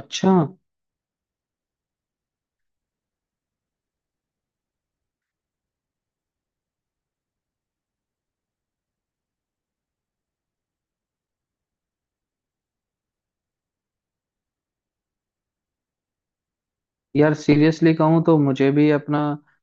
अच्छा। यार सीरियसली कहूँ तो मुझे भी अपना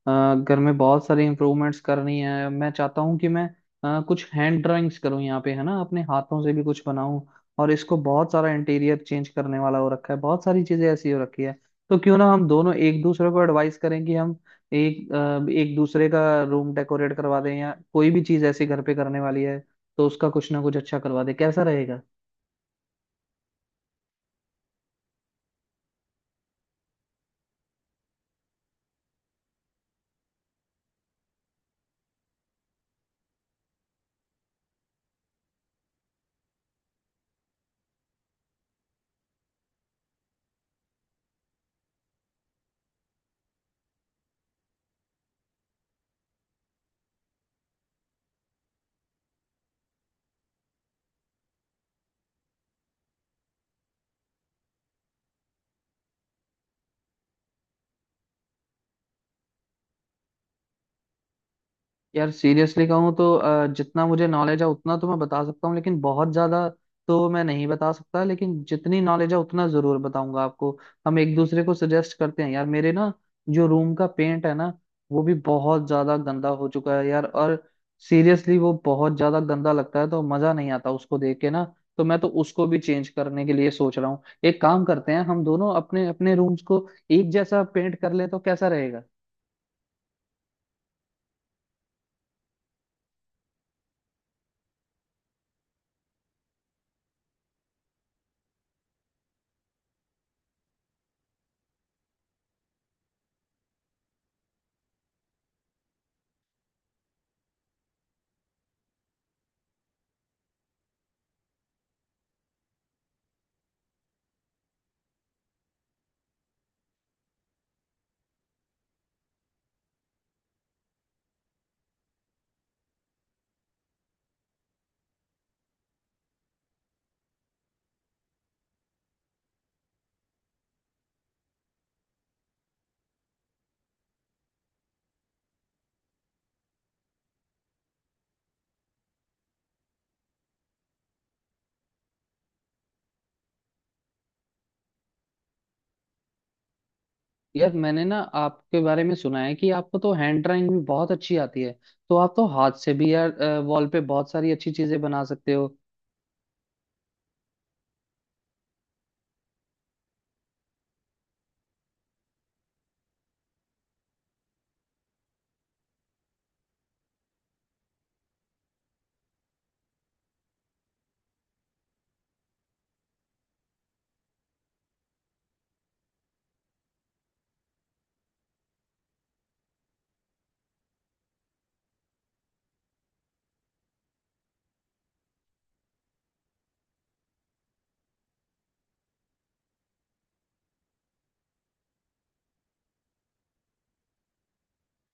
घर में बहुत सारी इम्प्रूवमेंट्स करनी है। मैं चाहता हूँ कि मैं कुछ हैंड ड्राइंग्स करूँ यहाँ पे, है ना, अपने हाथों से भी कुछ बनाऊं। और इसको बहुत सारा इंटीरियर चेंज करने वाला हो रखा है, बहुत सारी चीजें ऐसी हो रखी है। तो क्यों ना हम दोनों एक दूसरे को एडवाइस करें कि हम एक एक दूसरे का रूम डेकोरेट करवा दें, या कोई भी चीज ऐसी घर पे करने वाली है तो उसका कुछ ना कुछ अच्छा करवा दें। कैसा रहेगा? यार सीरियसली कहूँ तो जितना मुझे नॉलेज है उतना तो मैं बता सकता हूँ, लेकिन बहुत ज्यादा तो मैं नहीं बता सकता। लेकिन जितनी नॉलेज है उतना जरूर बताऊंगा आपको। हम एक दूसरे को सजेस्ट करते हैं। यार, मेरे ना जो रूम का पेंट है ना, वो भी बहुत ज्यादा गंदा हो चुका है यार। और सीरियसली वो बहुत ज्यादा गंदा लगता है, तो मजा नहीं आता उसको देख के ना। तो मैं तो उसको भी चेंज करने के लिए सोच रहा हूँ। एक काम करते हैं, हम दोनों अपने अपने रूम्स को एक जैसा पेंट कर ले, तो कैसा रहेगा? यार मैंने ना आपके बारे में सुना है कि आपको तो हैंड ड्राइंग भी बहुत अच्छी आती है। तो आप तो हाथ से भी यार वॉल पे बहुत सारी अच्छी चीजें बना सकते हो।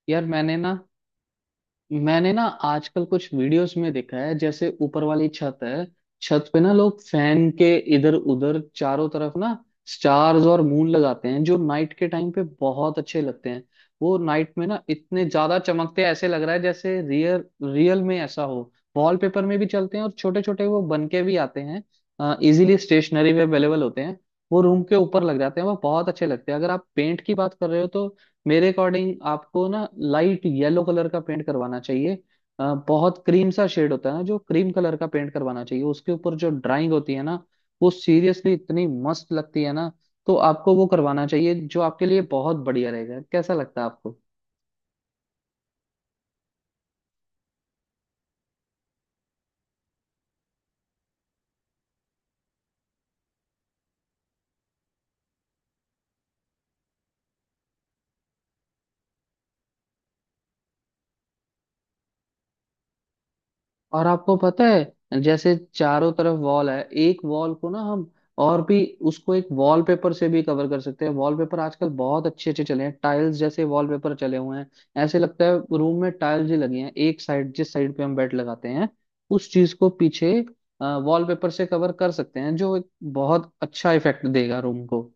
यार मैंने ना आजकल कुछ वीडियोस में देखा है, जैसे ऊपर वाली छत है, छत पे ना लोग फैन के इधर उधर चारों तरफ ना स्टार्स और मून लगाते हैं, जो नाइट के टाइम पे बहुत अच्छे लगते हैं। वो नाइट में ना इतने ज्यादा चमकते हैं, ऐसे लग रहा है जैसे रियल रियल में ऐसा हो। वॉलपेपर में भी चलते हैं, और छोटे छोटे वो बन के भी आते हैं। इजीली स्टेशनरी में अवेलेबल होते हैं। वो रूम के ऊपर लग जाते हैं, वो बहुत अच्छे लगते हैं। अगर आप पेंट की बात कर रहे हो तो मेरे अकॉर्डिंग आपको ना लाइट येलो कलर का पेंट करवाना चाहिए। बहुत क्रीम सा शेड होता है ना, जो क्रीम कलर का पेंट करवाना चाहिए। उसके ऊपर जो ड्राइंग होती है ना, वो सीरियसली इतनी मस्त लगती है ना। तो आपको वो करवाना चाहिए, जो आपके लिए बहुत बढ़िया रहेगा। कैसा लगता है आपको? और आपको पता है, जैसे चारों तरफ वॉल है, एक वॉल को ना हम और भी उसको एक वॉलपेपर से भी कवर कर सकते हैं। वॉलपेपर आजकल बहुत अच्छे अच्छे चले हैं, टाइल्स जैसे वॉलपेपर चले हुए हैं। ऐसे लगता है रूम में टाइल्स ही लगी हैं। एक साइड, जिस साइड पे हम बेड लगाते हैं, उस चीज को पीछे वॉलपेपर से कवर कर सकते हैं, जो एक बहुत अच्छा इफेक्ट देगा रूम को।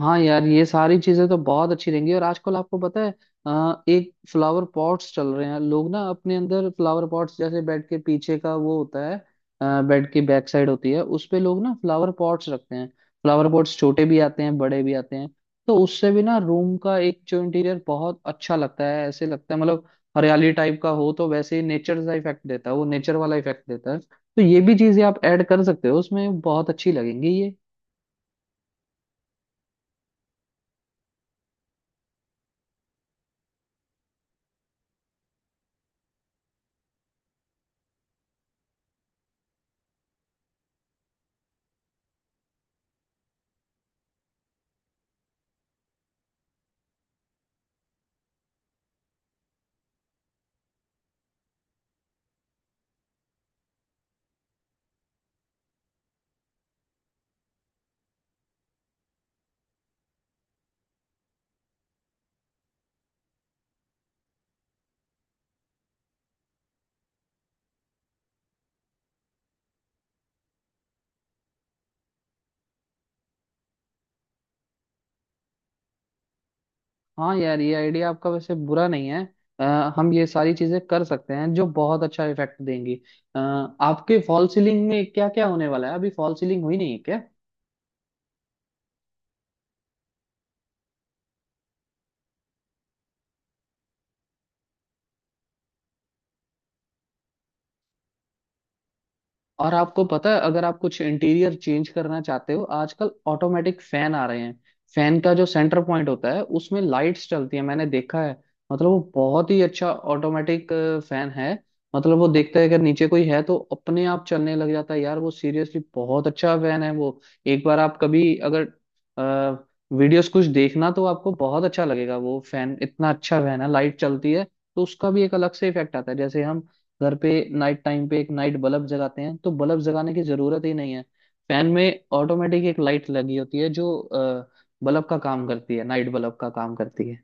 हाँ यार, ये सारी चीजें तो बहुत अच्छी रहेंगी। और आजकल आपको पता है, एक फ्लावर पॉट्स चल रहे हैं। लोग ना अपने अंदर फ्लावर पॉट्स, जैसे बेड के पीछे का वो होता है, बेड की बैक साइड होती है, उस पे लोग ना फ्लावर पॉट्स रखते हैं। फ्लावर पॉट्स छोटे भी आते हैं, बड़े भी आते हैं। तो उससे भी ना रूम का एक जो इंटीरियर बहुत अच्छा लगता है, ऐसे लगता है, मतलब हरियाली टाइप का हो तो वैसे ही नेचर का इफेक्ट देता है। वो नेचर वाला इफेक्ट देता है, तो ये भी चीजें आप ऐड कर सकते हो उसमें, बहुत अच्छी लगेंगी। हाँ यार, ये आइडिया आपका वैसे बुरा नहीं है। अ, हम ये सारी चीजें कर सकते हैं, जो बहुत अच्छा इफेक्ट देंगी। आपके फॉल सीलिंग में क्या क्या होने वाला है? अभी फॉल सीलिंग हुई नहीं है क्या? और आपको पता है, अगर आप कुछ इंटीरियर चेंज करना चाहते हो, आजकल ऑटोमेटिक फैन आ रहे हैं। फैन का जो सेंटर पॉइंट होता है उसमें लाइट्स चलती है, मैंने देखा है। मतलब वो बहुत ही अच्छा ऑटोमेटिक फैन है। मतलब वो देखता है अगर नीचे कोई है तो अपने आप चलने लग जाता है। यार वो सीरियसली बहुत अच्छा फैन है वो। एक बार आप कभी अगर वीडियोस कुछ देखना तो आपको बहुत अच्छा लगेगा। वो फैन इतना अच्छा फैन है, लाइट चलती है, तो उसका भी एक अलग से इफेक्ट आता है। जैसे हम घर पे नाइट टाइम पे एक नाइट बल्ब जगाते हैं, तो बल्ब जगाने की जरूरत ही नहीं है। फैन में ऑटोमेटिक एक लाइट लगी होती है, जो बल्ब का काम करती है, नाइट बल्ब का काम करती है।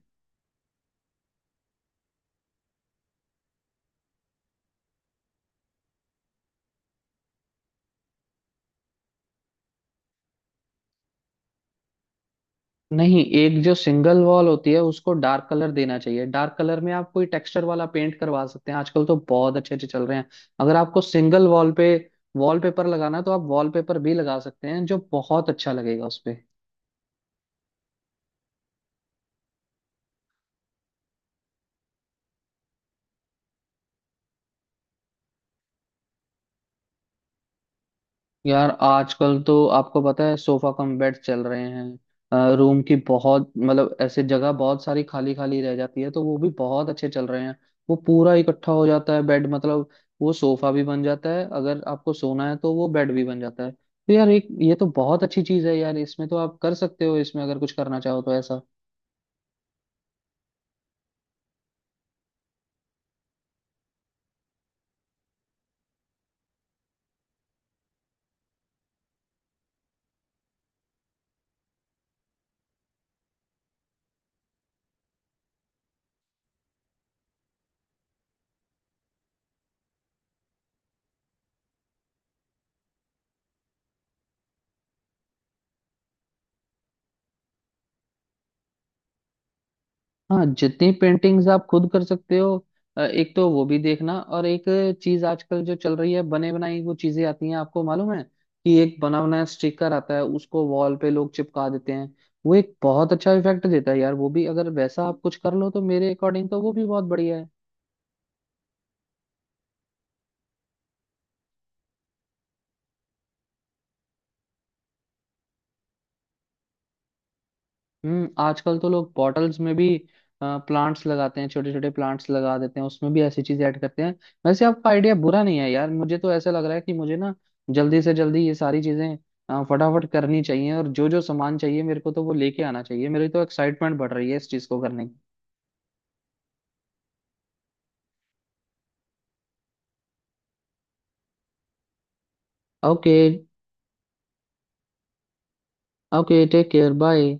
नहीं, एक जो सिंगल वॉल होती है उसको डार्क कलर देना चाहिए। डार्क कलर में आप कोई टेक्सचर वाला पेंट करवा सकते हैं, आजकल तो बहुत अच्छे अच्छे चल रहे हैं। अगर आपको सिंगल वॉल पे वॉलपेपर लगाना है तो आप वॉलपेपर भी लगा सकते हैं, जो बहुत अच्छा लगेगा उस पे। यार आजकल तो आपको पता है, सोफा कम बेड चल रहे हैं। रूम की बहुत, मतलब ऐसे जगह बहुत सारी खाली खाली रह जाती है, तो वो भी बहुत अच्छे चल रहे हैं। वो पूरा इकट्ठा हो जाता है बेड, मतलब वो सोफा भी बन जाता है, अगर आपको सोना है तो वो बेड भी बन जाता है। तो यार एक ये तो बहुत अच्छी चीज है यार, इसमें तो आप कर सकते हो इसमें, अगर कुछ करना चाहो तो ऐसा। हाँ, जितनी पेंटिंग्स आप खुद कर सकते हो एक तो वो भी देखना। और एक चीज आजकल जो चल रही है, बने बनाई वो चीजें आती हैं, आपको मालूम है, कि एक बना बनाया स्टिकर आता है, उसको वॉल पे लोग चिपका देते हैं। वो एक बहुत अच्छा इफेक्ट देता है यार। वो भी अगर वैसा आप कुछ कर लो, तो मेरे अकॉर्डिंग तो वो भी बहुत बढ़िया है। हम्म। आजकल तो लोग बॉटल्स में भी प्लांट्स लगाते हैं, छोटे छोटे प्लांट्स लगा देते हैं, उसमें भी ऐसी चीजें ऐड करते हैं। वैसे आपका आइडिया बुरा नहीं है यार। मुझे तो ऐसा लग रहा है कि मुझे ना जल्दी से जल्दी ये सारी चीजें फटाफट करनी चाहिए। और जो जो सामान चाहिए मेरे को तो वो लेके आना चाहिए। मेरी तो एक्साइटमेंट बढ़ रही है इस चीज को करने की। Okay. Okay, take care, bye.